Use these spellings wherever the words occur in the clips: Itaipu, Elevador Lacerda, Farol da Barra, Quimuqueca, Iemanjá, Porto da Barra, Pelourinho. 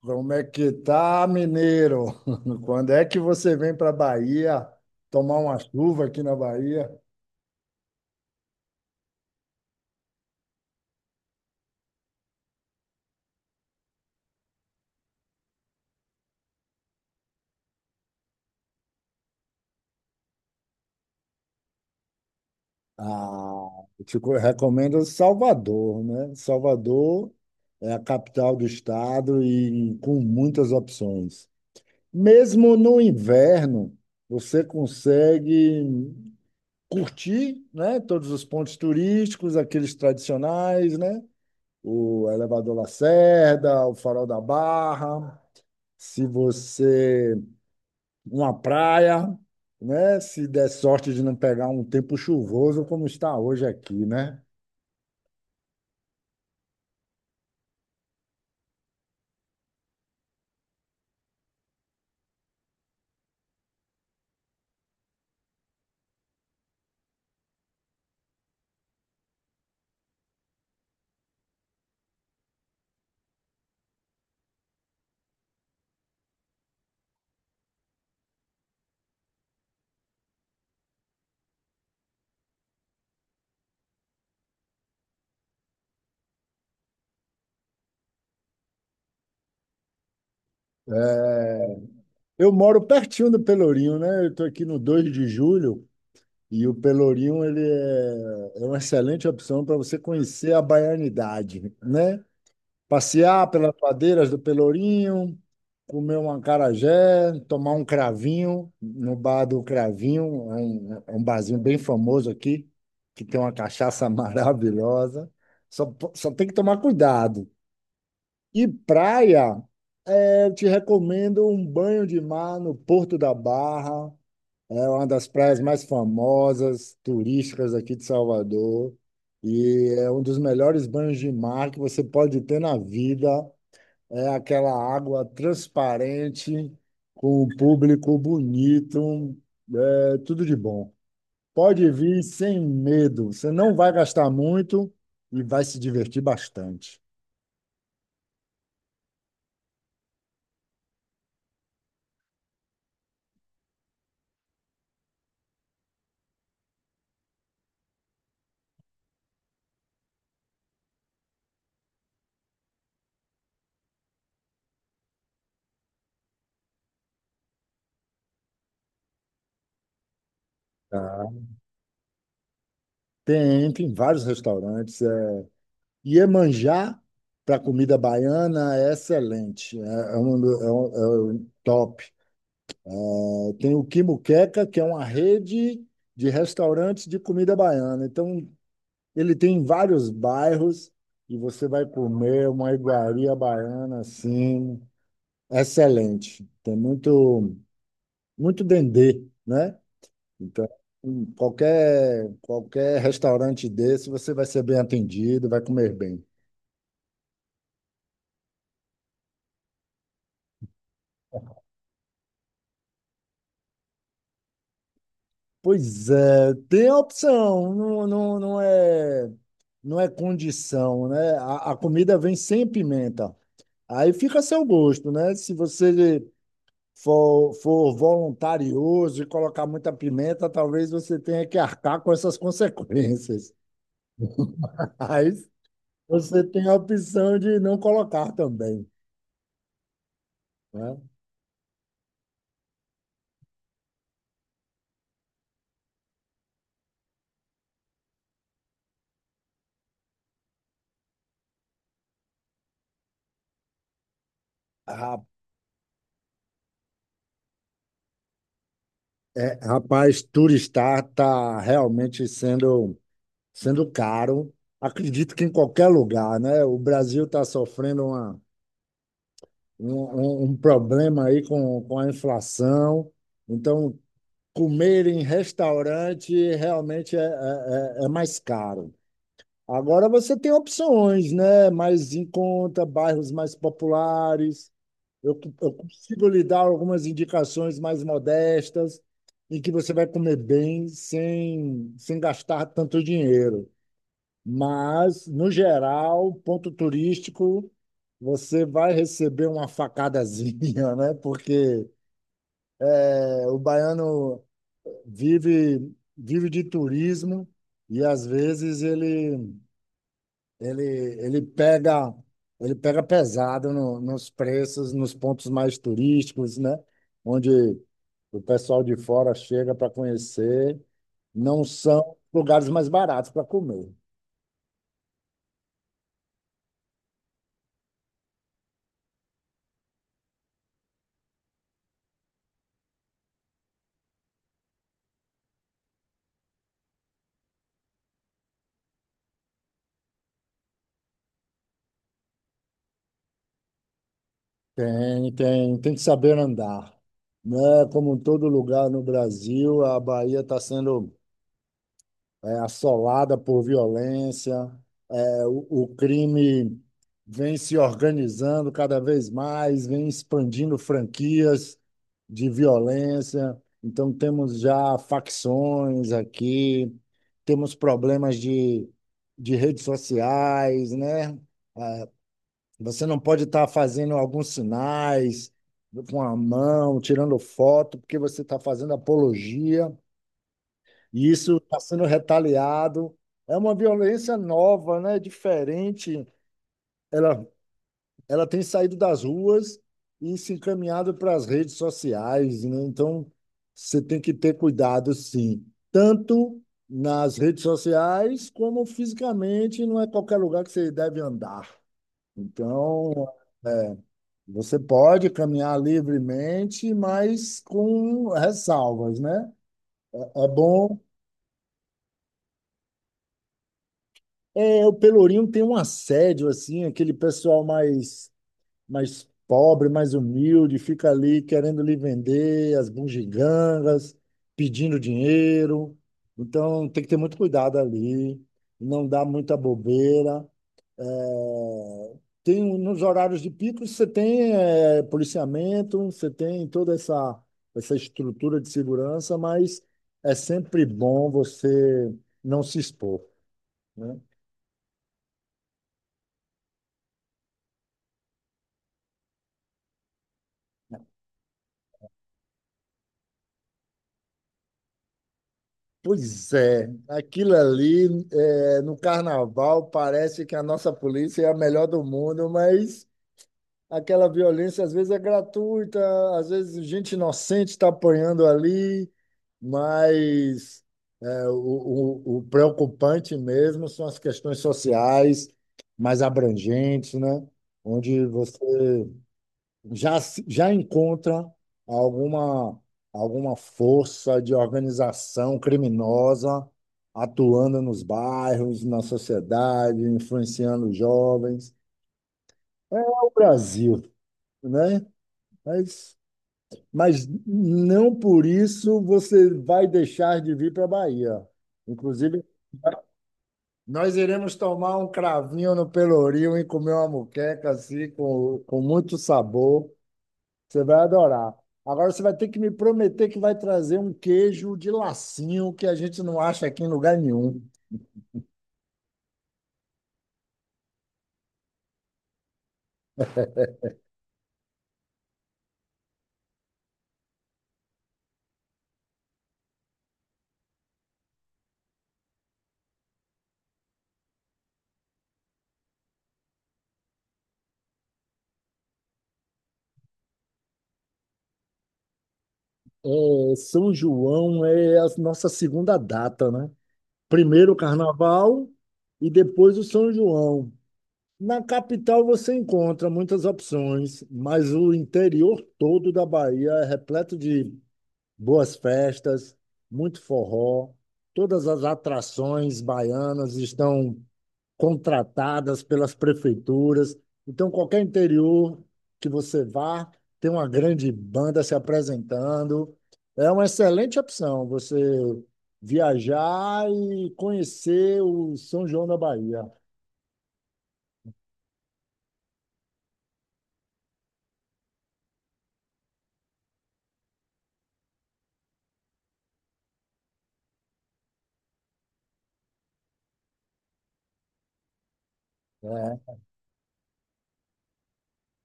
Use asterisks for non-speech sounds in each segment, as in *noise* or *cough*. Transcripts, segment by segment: Como é que tá, mineiro? *laughs* Quando é que você vem para Bahia tomar uma chuva aqui na Bahia? Ah, recomendo Salvador, né? Salvador é a capital do estado e com muitas opções. Mesmo no inverno, você consegue curtir, né? Todos os pontos turísticos, aqueles tradicionais, né? O Elevador Lacerda, o Farol da Barra. Se você uma praia, né? Se der sorte de não pegar um tempo chuvoso como está hoje aqui, né? É, Eu moro pertinho do Pelourinho, né? Eu estou aqui no Dois de Julho e o Pelourinho ele é uma excelente opção para você conhecer a baianidade, né? Passear pelas ladeiras do Pelourinho, comer um acarajé, tomar um cravinho no bar do Cravinho, é um barzinho bem famoso aqui, que tem uma cachaça *laughs* maravilhosa. Só tem que tomar cuidado. E praia, eu te recomendo um banho de mar no Porto da Barra. É uma das praias mais famosas, turísticas aqui de Salvador. E é um dos melhores banhos de mar que você pode ter na vida. É aquela água transparente, com o público bonito, é tudo de bom. Pode vir sem medo, você não vai gastar muito e vai se divertir bastante. Tá? Tem, tem vários restaurantes. É, Iemanjá, para comida baiana, é excelente, é um, do- é um- é um top. É, Tem o Quimuqueca, que é uma rede de restaurantes de comida baiana. Então, ele tem vários bairros e você vai comer uma iguaria baiana assim, excelente. Tem muito, muito dendê, né? Então, em qualquer restaurante desse, você vai ser bem atendido, vai comer bem. Pois é, tem a opção, não é condição, né? A comida vem sem pimenta. Aí fica a seu gosto, né? Se você for voluntarioso e colocar muita pimenta, talvez você tenha que arcar com essas consequências. *laughs* Mas você tem a opção de não colocar também, né? Ra- Rapaz, turistar está realmente sendo caro. Acredito que em qualquer lugar, né? O Brasil está sofrendo uma, um, um um problema aí com a inflação. Então, comer em restaurante realmente é mais caro. Agora você tem opções, né? Mais em conta, bairros mais populares. Eu consigo lhe dar algumas indicações mais modestas, em que você vai comer bem sem gastar tanto dinheiro. Mas, no geral, ponto turístico, você vai receber uma facadazinha, *laughs* né? Porque é, o baiano vive de turismo e, às vezes, Ele, ele pega, ele pega pesado nos preços, nos pontos mais turísticos, né? Onde o pessoal de fora chega para conhecer, não são lugares mais baratos para comer. Tem que saber andar, né? Como em todo lugar no Brasil, a Bahia está sendo assolada por violência. O crime vem se organizando cada vez mais, vem expandindo franquias de violência. Então, temos já facções aqui, temos problemas de redes sociais, né? Você não pode estar fazendo alguns sinais com a mão, tirando foto, porque você está fazendo apologia, e isso está sendo retaliado. É uma violência nova, né? Diferente. Ela ela tem saído das ruas e se encaminhado para as redes sociais, né? Então, você tem que ter cuidado, sim, tanto nas redes sociais como fisicamente, não é qualquer lugar que você deve andar. Então, você pode caminhar livremente, mas com ressalvas, né? É, é bom. É, o Pelourinho tem um assédio, assim, aquele pessoal mais pobre, mais humilde, fica ali querendo lhe vender as bugigangas, pedindo dinheiro. Então, tem que ter muito cuidado ali, não dar muita bobeira. É, Tem, um, nos horários de pico, você tem policiamento, você tem toda essa estrutura de segurança, mas é sempre bom você não se expor, né? Pois é, aquilo ali é, no carnaval parece que a nossa polícia é a melhor do mundo, mas aquela violência às vezes é gratuita, às vezes gente inocente está apanhando ali, mas é, o, o preocupante mesmo são as questões sociais mais abrangentes, né? Onde já, se- já encontra alguma, alguma força de organização criminosa atuando nos bairros, na sociedade, influenciando os jovens. É o Brasil, né? Mas, mas não por isso você vai deixar de vir para a Bahia. Inclusive, nós iremos tomar um cravinho no Pelourinho e comer uma moqueca assim, com muito sabor. Você vai adorar. Agora você vai ter que me prometer que vai trazer um queijo de lacinho que a gente não acha aqui em lugar nenhum. É, São João é a nossa segunda data, né? Primeiro o Carnaval e depois o São João. Na capital você encontra muitas opções, mas o interior todo da Bahia é repleto de boas festas, muito forró. Todas as atrações baianas estão contratadas pelas prefeituras. Então, qualquer interior que você vá, tem uma grande banda se apresentando. É uma excelente opção você viajar e conhecer o São João da Bahia. É,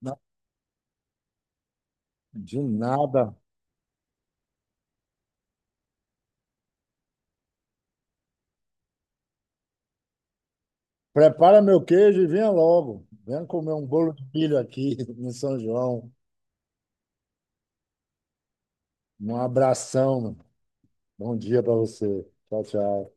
na- de nada. Prepara meu queijo e venha logo. Venha comer um bolo de milho aqui *laughs* no São João. Um abração. Bom dia para você. Tchau, tchau.